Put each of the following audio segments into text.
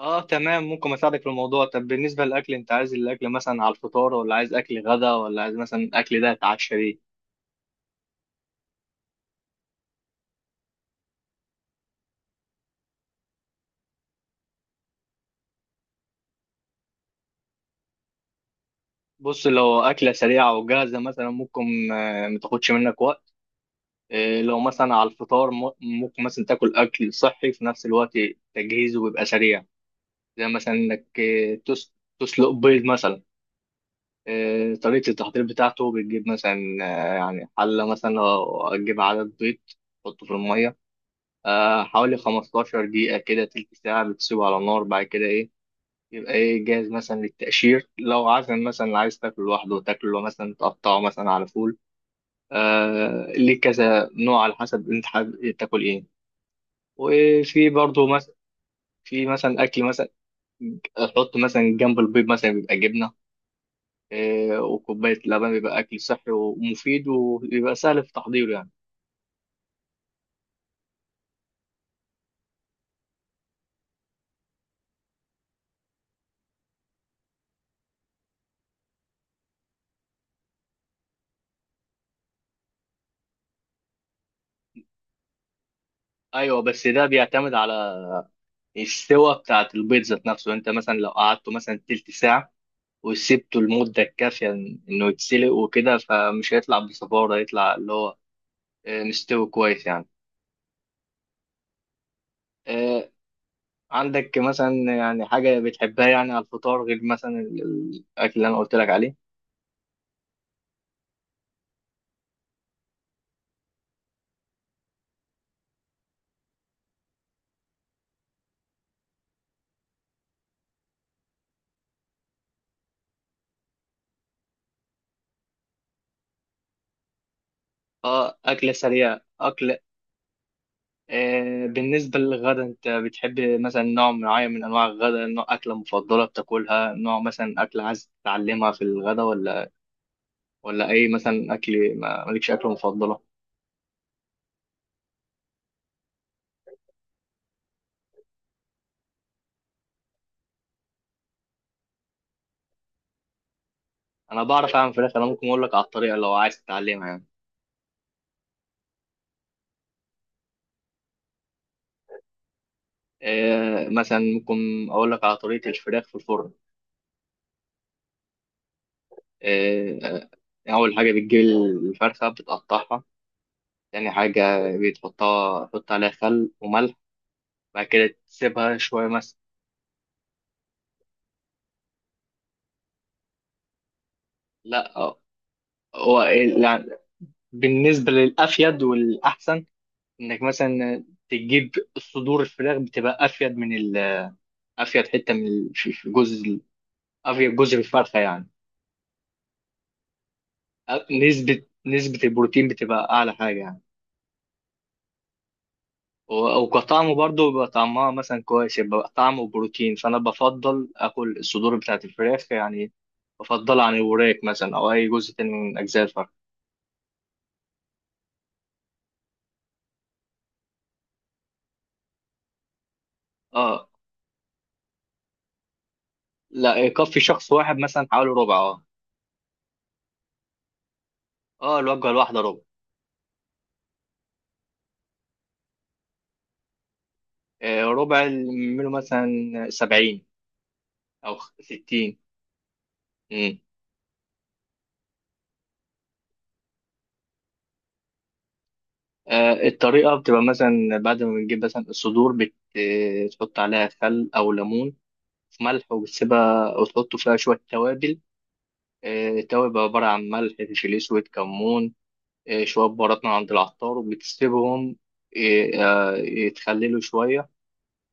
اه، تمام. ممكن اساعدك في الموضوع. طب بالنسبه للاكل، انت عايز الاكل مثلا على الفطار، ولا عايز اكل غدا، ولا عايز مثلا الاكل ده اتعشى بيه؟ بص، لو اكله سريعه وجاهزه مثلا ممكن ما تاخدش منك وقت. لو مثلا على الفطار ممكن مثلا تاكل اكل صحي في نفس الوقت. تجهيزه بيبقى سريع، زي مثلا انك تسلق بيض مثلا. طريقه التحضير بتاعته بتجيب مثلا، يعني حله، مثلا لو هتجيب عدد بيض تحطه في الميه حوالي 15 دقيقة كده، تلت ساعة بتسيبه على النار. بعد كده إيه؟ يبقى إيه، جاهز مثلا للتقشير. لو عازم مثلا عايز تاكله لوحده تاكله، مثلا تقطعه مثلا على فول. ليه كذا نوع على حسب أنت حابب تاكل إيه. وفي برضه مثلا، في مثلا أكل مثلا أحط مثلا جنب البيض مثلا، بيبقى جبنة وكوباية لبن، بيبقى أكل صحي ومفيد ويبقى سهل في تحضيره يعني. أيوه، بس ده بيعتمد على السوا بتاعت البيض ذات نفسه. انت مثلا لو قعدته مثلا تلت ساعة وسبته المدة الكافية انه يتسلق وكده، فمش هيطلع بصفارة، هيطلع اللي هو مستوي كويس يعني. آه، عندك مثلا يعني حاجة بتحبها يعني على الفطار غير مثلا الأكل اللي أنا قلت لك عليه؟ اه، أكلة سريعة، أكل. بالنسبة للغدا، أنت بتحب مثلا نوع معين من أنواع الغدا، نوع أكلة مفضلة بتاكلها، نوع مثلا أكلة عايز تتعلمها في الغدا، ولا اي مثلا اكل، مالكش اكله مفضله؟ انا بعرف اعمل فراخ. انا ممكن اقول لك على الطريقه لو عايز تتعلمها يعني. إيه مثلا، ممكن اقول لك على طريقه الفراخ في الفرن. إيه، اول حاجه بتجيب الفرخه بتقطعها. تاني حاجه، بتحطها، تحط عليها خل وملح، بعد كده تسيبها شويه مثلا. لا، هو يعني بالنسبه للافيد والاحسن، انك مثلا تجيب صدور الفراخ. بتبقى افيد من افيد حته من الجزء، افيد جزء في الفرخه يعني. نسبه البروتين بتبقى اعلى حاجه يعني. وكطعمه برضه بيبقى طعمها مثلا كويس، يبقى طعمه بروتين، فانا بفضل اكل الصدور بتاعت الفراخ يعني، بفضلها عن الوراك مثلا او اي جزء تاني من اجزاء الفرخ. اه، لا يكفي شخص واحد مثلا حوالي ربع، اه. اه، الوجبه الواحده ربع. ربع منه مثلا 70 او 60. مم. الطريقة بتبقى مثلا بعد ما بنجيب مثلا الصدور تحط عليها خل أو ليمون، في ملح، وبتسيبها وتحط فيها شوية توابل. توابل عبارة عن ملح، فلفل أسود، كمون، شوية بهارات من عند العطار، وبتسيبهم يتخللوا شوية،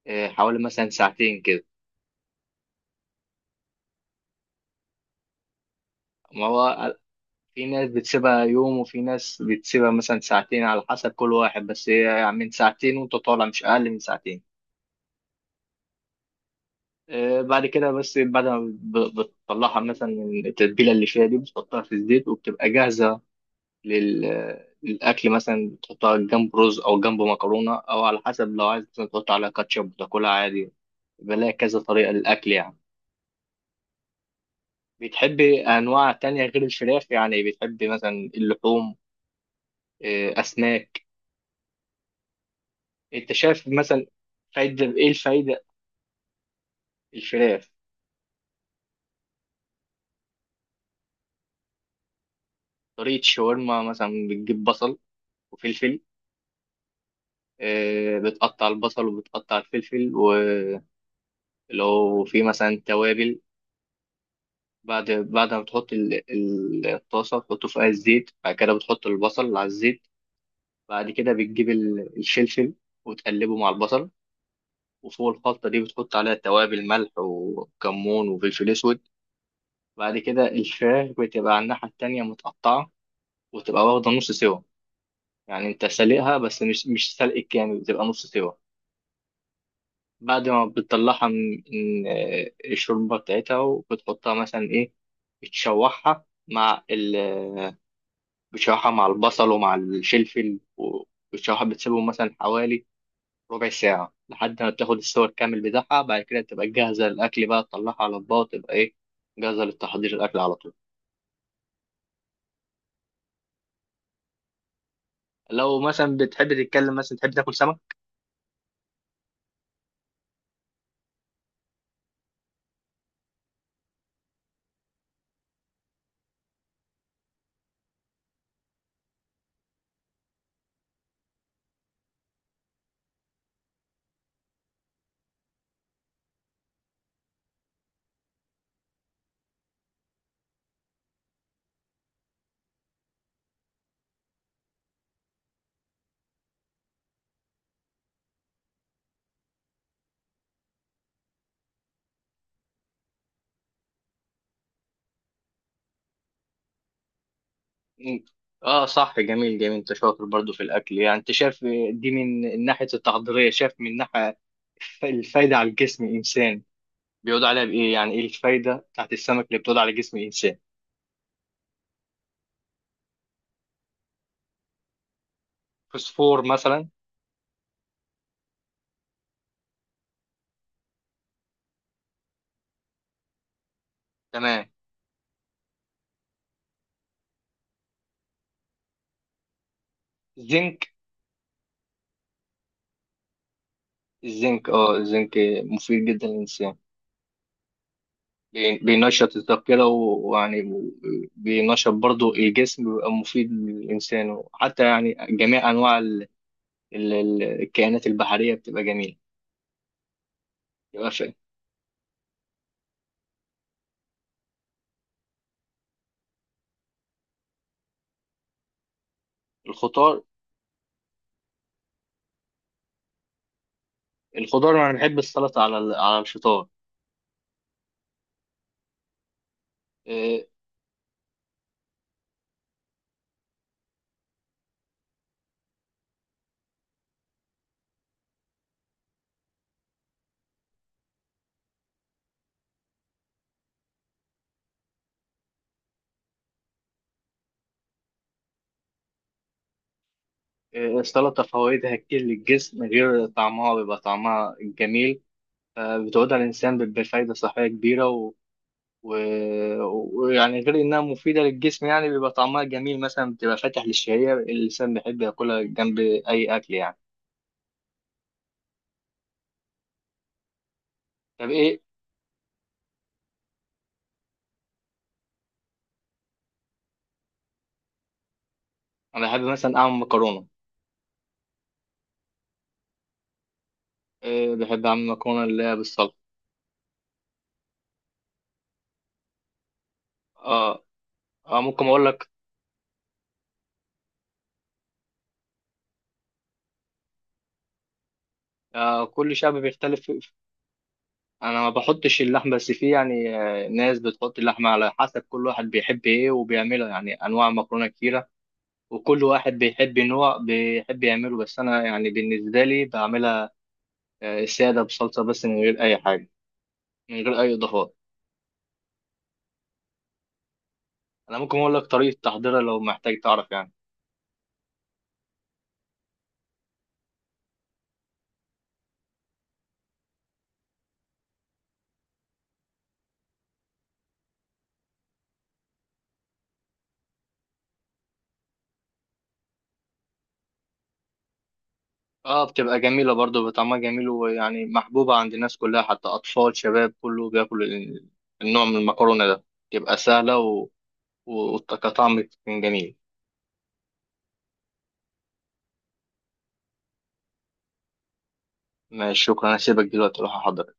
حوالي مثلا ساعتين كده. ما هو في ناس بتسيبها يوم، وفي ناس بتسيبها مثلا ساعتين، على حسب كل واحد. بس هي يعني من ساعتين وانت طالع، مش أقل من ساعتين. بعد كده، بس بعد ما بتطلعها مثلا من التتبيلة اللي فيها دي، بتحطها في الزيت وبتبقى جاهزة لل... للأكل. مثلا تحطها جنب رز، أو جنب مكرونة، أو على حسب. لو عايز مثلا تحط على كاتشب وتاكلها عادي. بلاقي كذا طريقة للأكل يعني. بتحبي أنواع تانية غير الفراخ يعني؟ بتحبي مثلا اللحوم، إيه، أسماك؟ أنت شايف مثلا فايدة، إيه الفايدة؟ الفراخ، طريقة شاورما مثلا، بتجيب بصل وفلفل. إيه، بتقطع البصل وبتقطع الفلفل، ولو في مثلا توابل. بعد ما تحط الطاسة، تحطه فيها الزيت. بعد كده بتحط البصل على الزيت، بعد كده بتجيب الفلفل وتقلبه مع البصل، وفوق الخلطة دي بتحط عليها توابل، ملح وكمون وفلفل أسود. بعد كده الفراخ بتبقى على الناحية التانية متقطعة، وتبقى واخدة نص سوا، يعني أنت سالقها بس مش سلق كامل، بتبقى نص سوا. بعد ما بتطلعها من الشوربة بتاعتها، وبتحطها مثلا إيه، بتشوحها مع ال بتشوحها مع البصل ومع الفلفل، وبتشوحها، بتسيبهم مثلا حوالي ربع ساعة لحد ما بتاخد السوى الكامل بتاعها. بعد كده تبقى جاهزة للأكل بقى، تطلعها على الباط وتبقى إيه، جاهزة للتحضير، الأكل على طول. لو مثلا بتحب تتكلم مثلا تحب تاكل سمك؟ مم. اه صح، جميل جميل، انت شاطر برضو في الاكل يعني. انت شايف دي من ناحية التحضيرية، شايف من ناحية الفايدة على الجسم الإنسان، بيقول عليها بإيه يعني، إيه الفايدة بتاعت السمك اللي بتقول على جسم الإنسان؟ فوسفور مثلا. تمام. زنك. الزنك مفيد جدا للإنسان. بينشط الذاكرة، بينشط برضو الجسم، بيبقى مفيد للإنسان. وحتى يعني جميع أنواع الكائنات البحرية بتبقى جميلة. يبقى في الخضار. الخضار أنا بحب السلطة على الفطار. إيه، إيه، السلطة فوائدها كتير للجسم، غير طعمها بيبقى طعمها جميل، فبتعود على الإنسان بفايدة صحية كبيرة. ويعني غير انها مفيده للجسم، يعني بيبقى طعمها جميل مثلا، بتبقى فاتح للشهيه، الانسان بيحب ياكلها جنب اي اكل يعني. طب ايه، انا بحب مثلا اعمل مكرونه. إيه، بحب اعمل مكرونه اللي هي بالصلصه. اه, ممكن اقول لك. كل شعب بيختلف انا ما بحطش اللحمه، بس في يعني ناس بتحط اللحمه، على حسب كل واحد بيحب ايه وبيعملها، يعني انواع مكرونه كتيره وكل واحد بيحب نوع بيحب يعمله. بس انا يعني بالنسبه لي بعملها الساده بصلصه بس، من غير اي حاجه، من غير اي اضافات. انا ممكن اقول لك طريقه تحضيرها لو محتاج تعرف يعني. اه، بتبقى جميله برضو، بطعمها جميل، ويعني محبوبه عند الناس كلها، حتى اطفال شباب كله بياكل النوع من المكرونه ده. تبقى سهله وكطعم كان جميل. ماشي، شكرا، انا هسيبك دلوقتي اروح احضر.